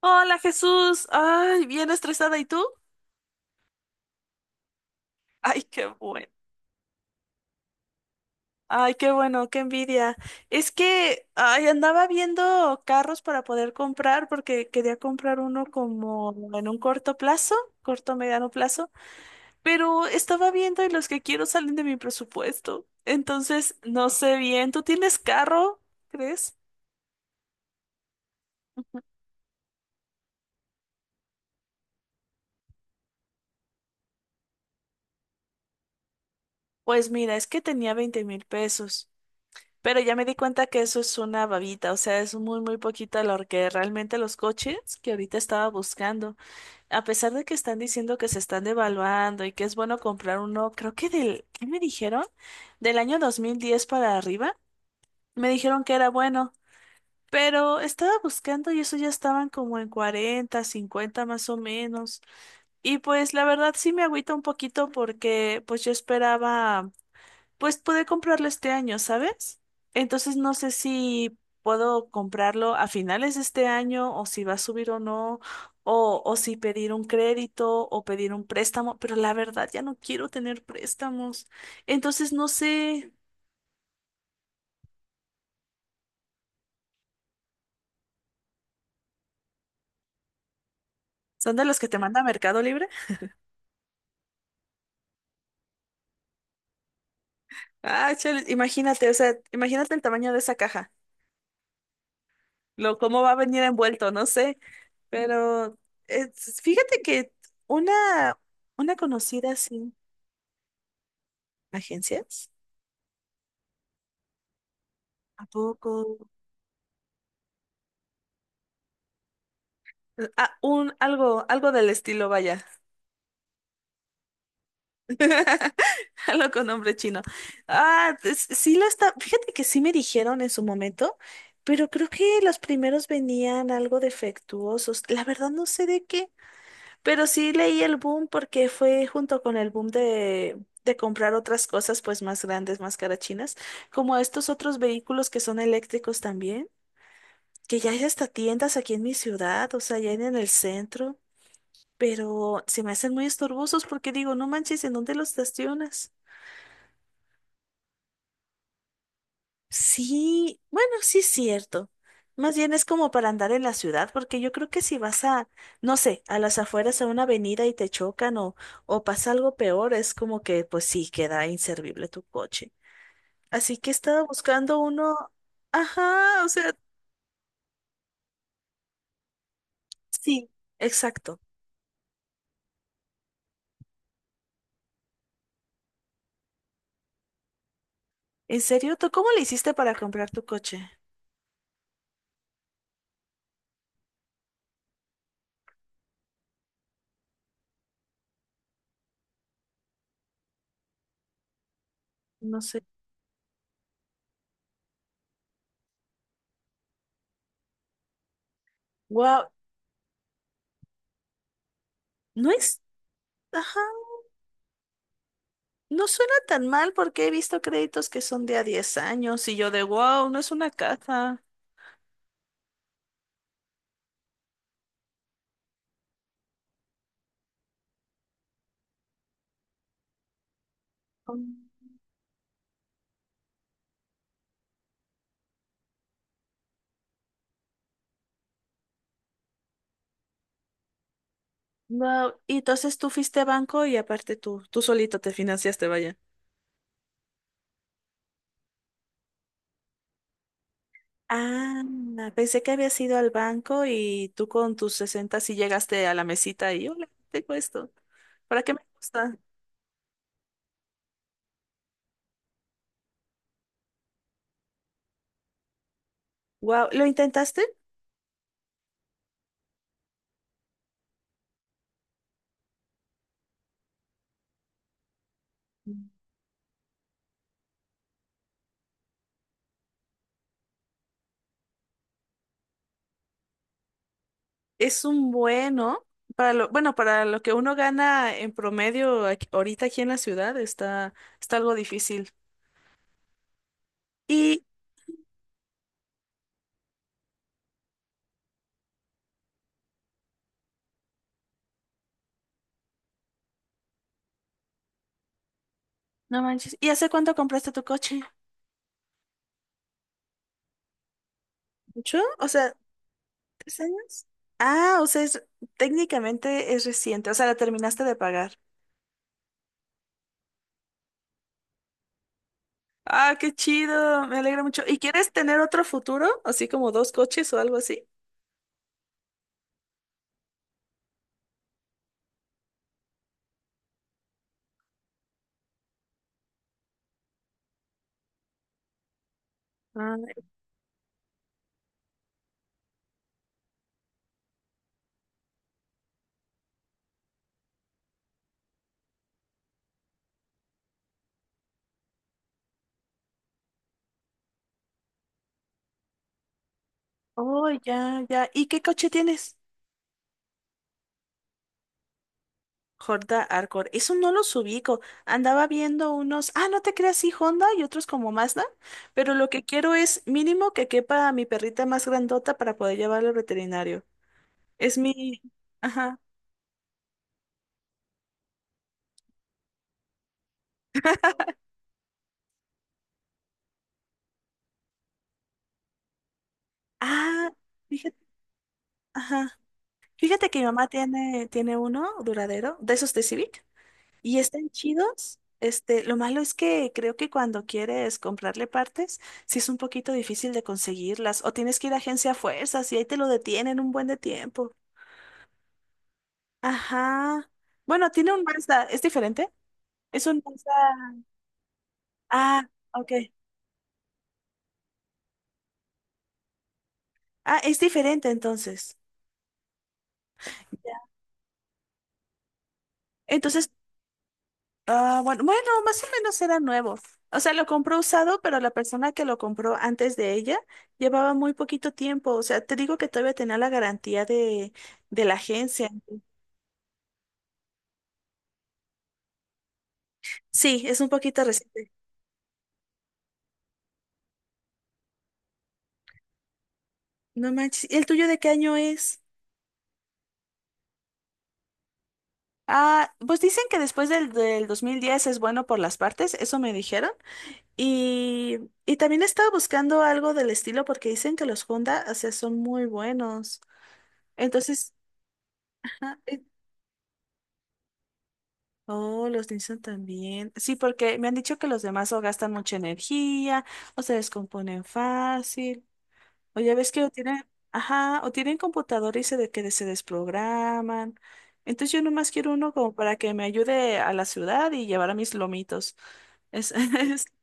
Hola Jesús, ay, bien estresada, ¿y tú? Ay, qué bueno, ay, qué bueno, qué envidia. Es que, ay, andaba viendo carros para poder comprar porque quería comprar uno como en un corto plazo, corto mediano plazo, pero estaba viendo y los que quiero salen de mi presupuesto. Entonces, no sé bien, ¿tú tienes carro, crees? Pues mira, es que tenía 20,000 pesos. Pero ya me di cuenta que eso es una babita, o sea, es muy, muy poquita lo que realmente los coches que ahorita estaba buscando, a pesar de que están diciendo que se están devaluando y que es bueno comprar uno, creo que del, ¿qué me dijeron? Del año 2010 para arriba, me dijeron que era bueno, pero estaba buscando y eso ya estaban como en 40, 50 más o menos. Y pues la verdad sí me agüita un poquito porque pues yo esperaba pues pude comprarlo este año, ¿sabes? Entonces no sé si puedo comprarlo a finales de este año o si va a subir o no, o si pedir un crédito o pedir un préstamo, pero la verdad ya no quiero tener préstamos. Entonces no sé, ¿son de los que te manda Mercado Libre? Ah, chale, imagínate, o sea, imagínate el tamaño de esa caja, lo cómo va a venir envuelto, no sé, pero fíjate que una, una conocida sin agencias. ¿A poco? Ah, un, algo, algo del estilo, vaya. Algo con nombre chino. Ah, pues, sí lo está. Fíjate que sí me dijeron en su momento, pero creo que los primeros venían algo defectuosos. La verdad no sé de qué, pero sí leí el boom porque fue junto con el boom de comprar otras cosas, pues más grandes, más carachinas, como estos otros vehículos que son eléctricos también, que ya hay hasta tiendas aquí en mi ciudad, o sea, ya en el centro. Pero se me hacen muy estorbosos porque digo, no manches, ¿en dónde los estacionas? Sí, bueno, sí es cierto. Más bien es como para andar en la ciudad, porque yo creo que si vas a, no sé, a las afueras a una avenida y te chocan o pasa algo peor, es como que pues sí queda inservible tu coche. Así que estaba buscando uno. Ajá, o sea, sí, exacto. ¿En serio? ¿Tú cómo le hiciste para comprar tu coche? No sé. Wow, no es. Ajá. No suena tan mal porque he visto créditos que son de a 10 años y yo de wow, no es una casa. Mm. Wow. Y entonces tú fuiste a banco y aparte tú, tú solito te financiaste, vaya. Ah, pensé que habías ido al banco y tú con tus 60 sí llegaste a la mesita y hola, tengo esto. ¿Para qué me gusta? Wow, ¿lo intentaste? Es un bueno, para lo que uno gana en promedio aquí, ahorita aquí en la ciudad está, está algo difícil. Y no manches. ¿Y hace cuánto compraste tu coche? ¿Mucho? O sea, ¿tres años? Ah, o sea, es, técnicamente es reciente, o sea, la terminaste de pagar. Ah, qué chido, me alegra mucho. ¿Y quieres tener otro futuro? Así como dos coches o algo así. Ah, oh, ya, ya. ¿Y qué coche tienes? Honda Accord. Eso no los ubico. Andaba viendo unos, ah, no te creas, sí, Honda y otros como Mazda, pero lo que quiero es mínimo que quepa a mi perrita más grandota para poder llevarla al veterinario. Es mi, ajá, ah, fíjate, ajá. Fíjate que mi mamá tiene uno duradero, de esos de Civic, y están chidos. Este, lo malo es que creo que cuando quieres comprarle partes, sí es un poquito difícil de conseguirlas, o tienes que ir a agencia a fuerzas y ahí te lo detienen un buen de tiempo. Ajá. Bueno, tiene un Mazda, ¿es diferente? Es un Mazda. Ah, ok. Ah, es diferente entonces. Ya. Entonces, ah, bueno, bueno, más o menos era nuevo. O sea, lo compró usado, pero la persona que lo compró antes de ella llevaba muy poquito tiempo. O sea, te digo que todavía tenía la garantía de la agencia. Sí, es un poquito reciente. No manches. ¿Y el tuyo de qué año es? Ah, pues dicen que después del 2010 es bueno por las partes, eso me dijeron. Y, y también estaba buscando algo del estilo porque dicen que los Honda, o sea, son muy buenos. Entonces, ajá, oh, los Nissan también. Sí, porque me han dicho que los demás o gastan mucha energía o se descomponen fácil. O ya ves que o tienen, ajá, o tienen computador y que se desprograman. Entonces yo nomás quiero uno como para que me ayude a la ciudad y llevar a mis lomitos. Es,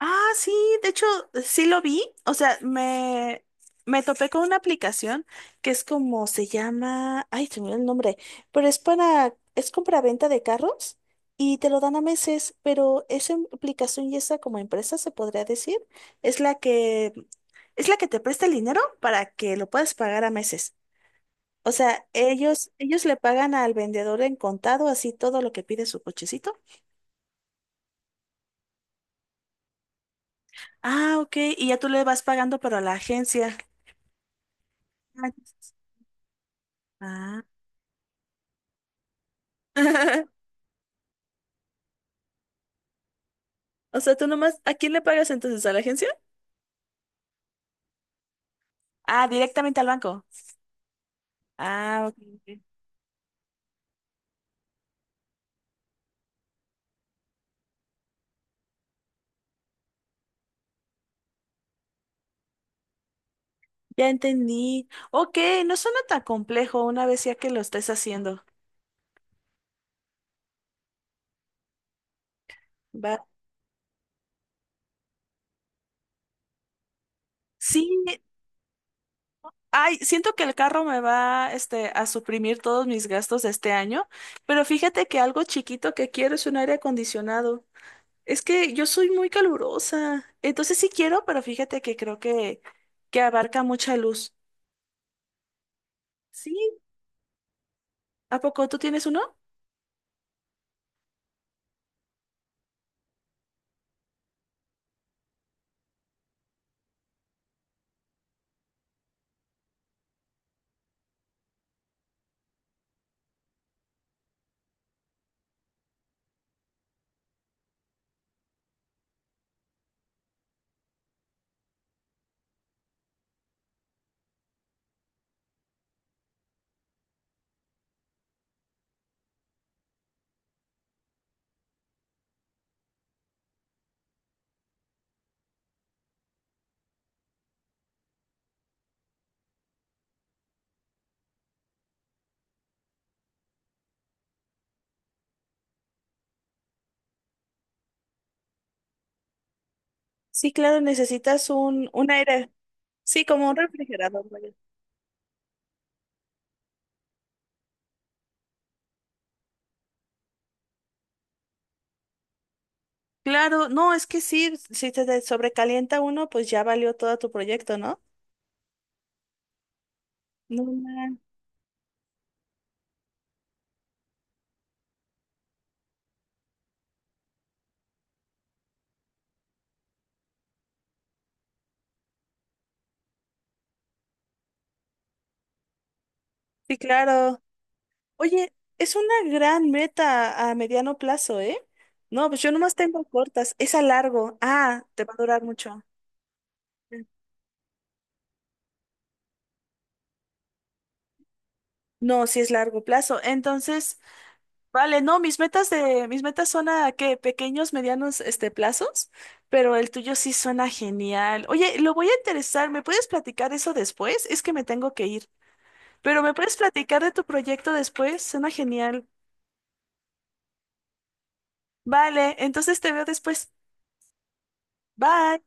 ah, sí, de hecho, sí lo vi. O sea, me topé con una aplicación que es como se llama. Ay, se me olvidó el nombre. Pero es para. Es compra-venta de carros y te lo dan a meses. Pero esa aplicación y esa como empresa, se podría decir, es la que. Es la que te presta el dinero para que lo puedas pagar a meses. O sea, ellos le pagan al vendedor en contado, así todo lo que pide su cochecito. Ah, ok. Y ya tú le vas pagando, pero a la agencia. Ah, ah. O sea, tú nomás, ¿a quién le pagas entonces? ¿A la agencia? Ah, directamente al banco. Ah, ok. Sí. Ya entendí. Ok, no suena tan complejo una vez ya que lo estés haciendo. Va. Sí, ay, siento que el carro me va, este, a suprimir todos mis gastos de este año, pero fíjate que algo chiquito que quiero es un aire acondicionado. Es que yo soy muy calurosa, entonces sí quiero, pero fíjate que creo que abarca mucha luz. Sí, ¿a poco tú tienes uno? Sí, claro, necesitas un aire, sí, como un refrigerador, vaya. Claro, no, es que sí, si sobrecalienta uno, pues ya valió todo tu proyecto, ¿no? No, man. Sí, claro. Oye, es una gran meta a mediano plazo, ¿eh? No, pues yo nomás tengo cortas, es a largo. Ah, te va a durar mucho. No, sí es largo plazo. Entonces, vale, no, mis metas de, mis metas son a qué, pequeños, medianos, este, plazos, pero el tuyo sí suena genial. Oye, lo voy a interesar, ¿me puedes platicar eso después? Es que me tengo que ir, pero ¿me puedes platicar de tu proyecto después? Suena genial. Vale, entonces te veo después. Bye.